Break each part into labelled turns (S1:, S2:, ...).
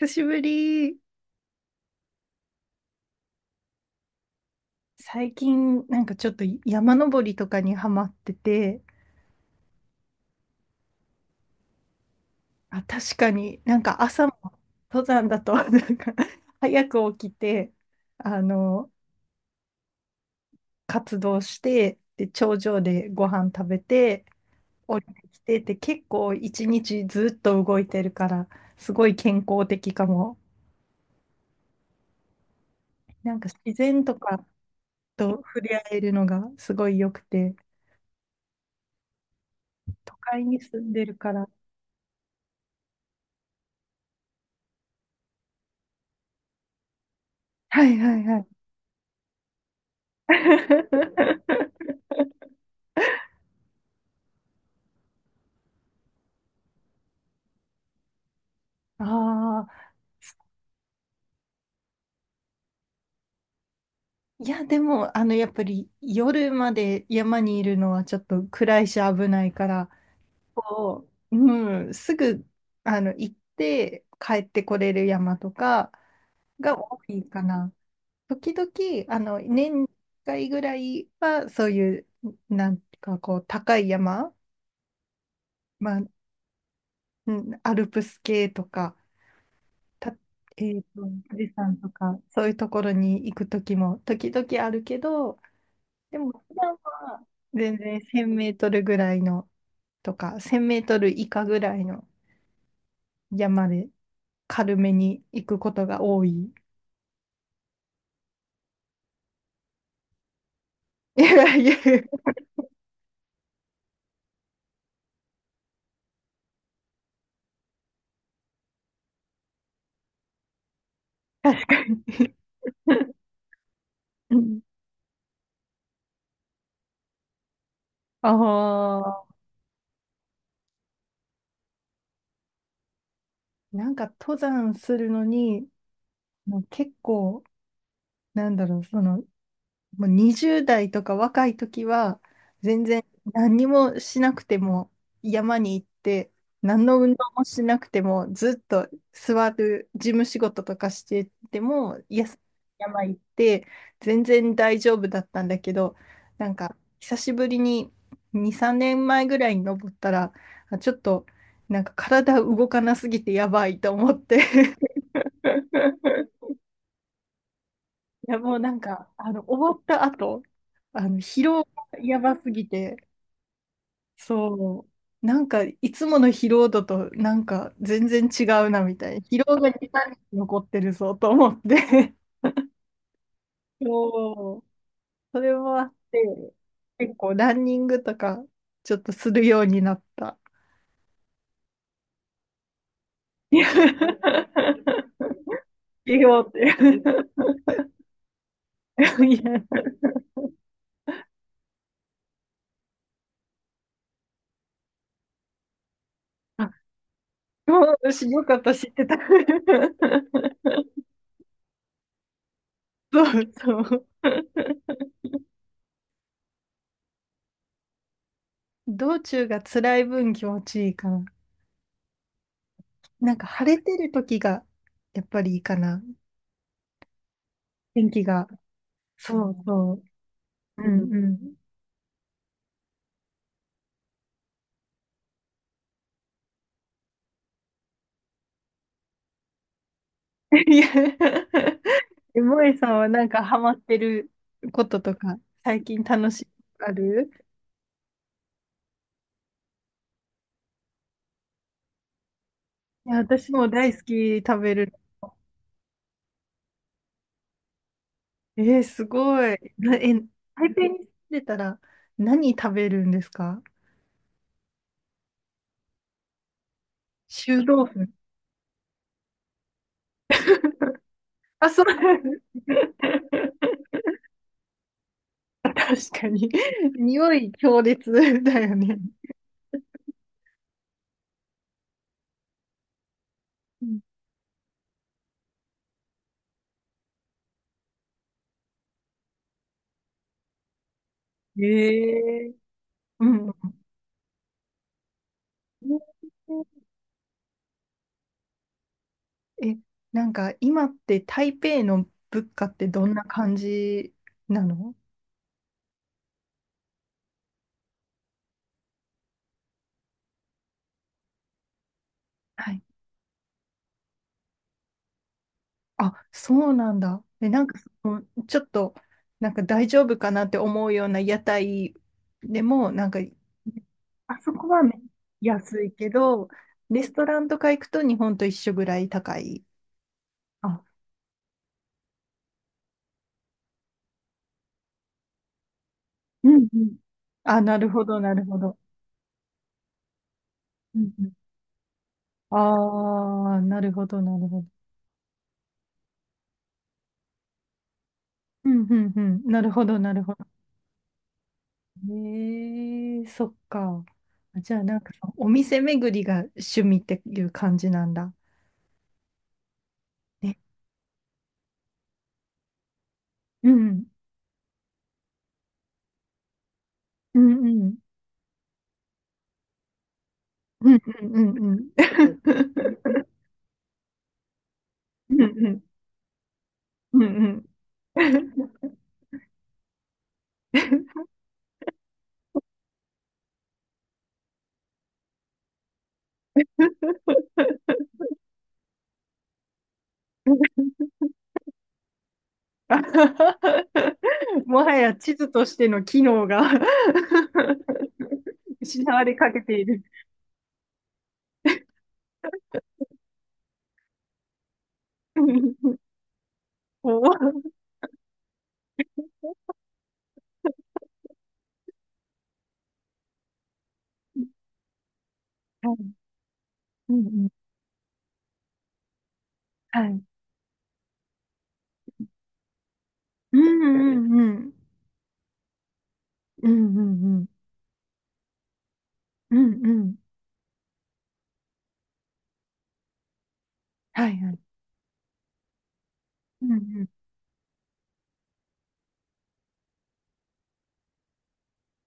S1: 久しぶり。最近、なんかちょっと山登りとかにハマってて、あ、確かになんか朝も登山だと、なんか早く起きて、あの、活動して、で、頂上でご飯食べて、降りてきてって結構一日ずっと動いてるから、すごい健康的かも。なんか自然とかと触れ合えるのがすごい良くて、都会に住んでるから。はいはいはい。ああ、いや、でも、やっぱり夜まで山にいるのはちょっと暗いし危ないから、こう、うん、すぐ、行って帰ってこれる山とかが多いかな。時々、年1回ぐらいは、そういう、なんかこう、高い山、まあ、うん、アルプス系とか、た、えーと、富士山とか、そういうところに行く時も、時々あるけど、でも、普段は全然1000メートルぐらいのとか、1000メートル以下ぐらいの山で軽めに行くことが多い。いやいや、確かに。うんああ、なんか登山するのに、もう結構、なんだろう、もう20代とか若い時は、全然何にもしなくても山に行って、何の運動もしなくても、ずっと座る事務仕事とかしてても、いや山行って、全然大丈夫だったんだけど、なんか久しぶりに2、3年前ぐらいに登ったら、あちょっとなんか体動かなすぎてやばいと思って いや、もうなんか、終わった後、疲労がやばすぎて、そう、なんか、いつもの疲労度と、なんか、全然違うな、みたいな。疲労が2、3日残ってるぞ、と思って。そう、それもあって、結構、ランニングとか、ちょっとするようになった。いや、いいよってい いや、あ、そう、よかった、知ってた。そうそう。道中が辛い分気持ちいいかな。なんか晴れてる時がやっぱりいいかな。天気が。そうそう。うんん。うん。いや、えもえさんはなんかハマってることとか、最近楽しいことある？いや、私も大好き食べる。えー、すごい。台北に住んでたら何食べるんですか？臭豆腐。あ、そう。確かに。匂い強烈だよね。うん。ええうん。え、なんか今って台北の物価ってどんな感じなの？はい。あ、そうなんだ。え、なんかその、ちょっと、なんか大丈夫かなって思うような屋台でも、なんか、あそこはめ安いけど、レストランとか行くと日本と一緒ぐらい高い。あ、うんうん。あ、なるほど、なるほど。うんうん。ああ、なるほど、なるほど。うんうんうん。なるほど、なるほど。ええそっか。あじゃあ、なんか、お店巡りが趣味っていう感じなんだ。ね。うん。うんうん。うんうんうんうん。うんうんうんうんうんあはは もはや地図としての機能が 失われかけている。おはいうんうんはい。うんうんうん。うんうんうん。うんうん。はいはい。うんうん。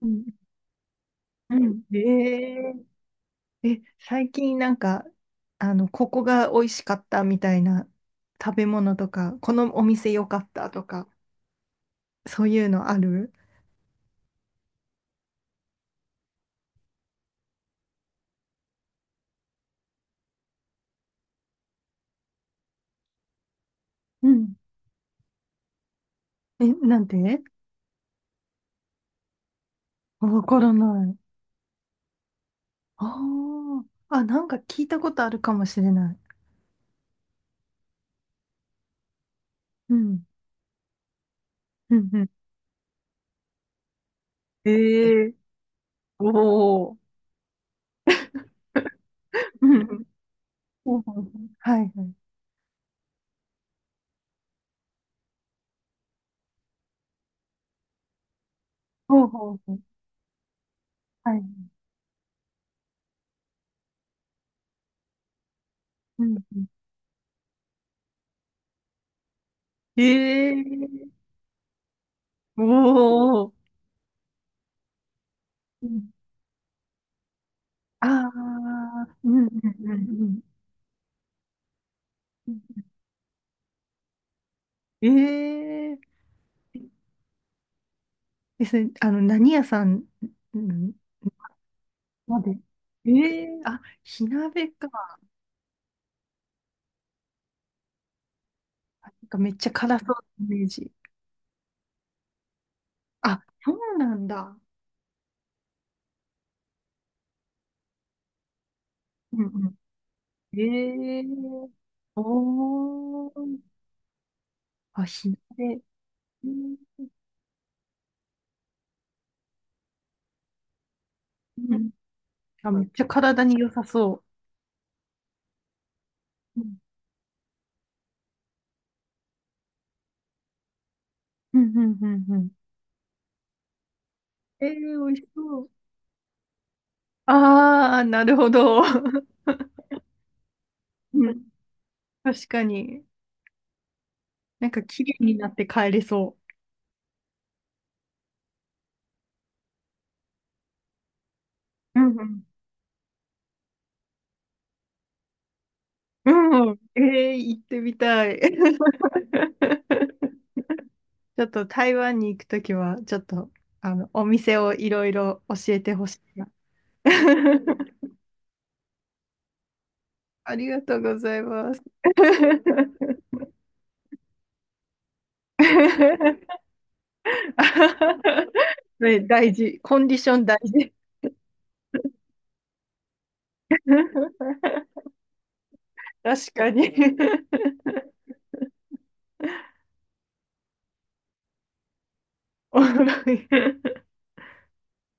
S1: うん。うん。えー、え、最近なんか、ここが美味しかったみたいな食べ物とか、このお店良かったとか、そういうのある？うん。え、なんて？わからない。ああ、あ、なんか聞いたことあるかもしれない。うん。うんうん。えー、おー。うんうんほうほうほうはいはい。ほうほうほう。はい。うんうん。えー、おー。ああ、うんうんうんうんうん。ええですね。何屋さん、うんまで。ええあ、火鍋か。なんかめっちゃ辛そうなイメージ。あ、そうなんだ。うんうん。ええおー。あ、火鍋。うんうんあ、めっちゃ体に良さそう。うんうんうんうんうん。ええ美味しそう。ああ、なるほど。うん、確かに。なんか綺麗になって帰れそう。うんうん。うん。えー、行ってみたい。ちょっと台湾に行くときは、ちょっと、お店をいろいろ教えてほしいな。ありがとうございます。ね、大事。コンディション大事。確かに。おもろい。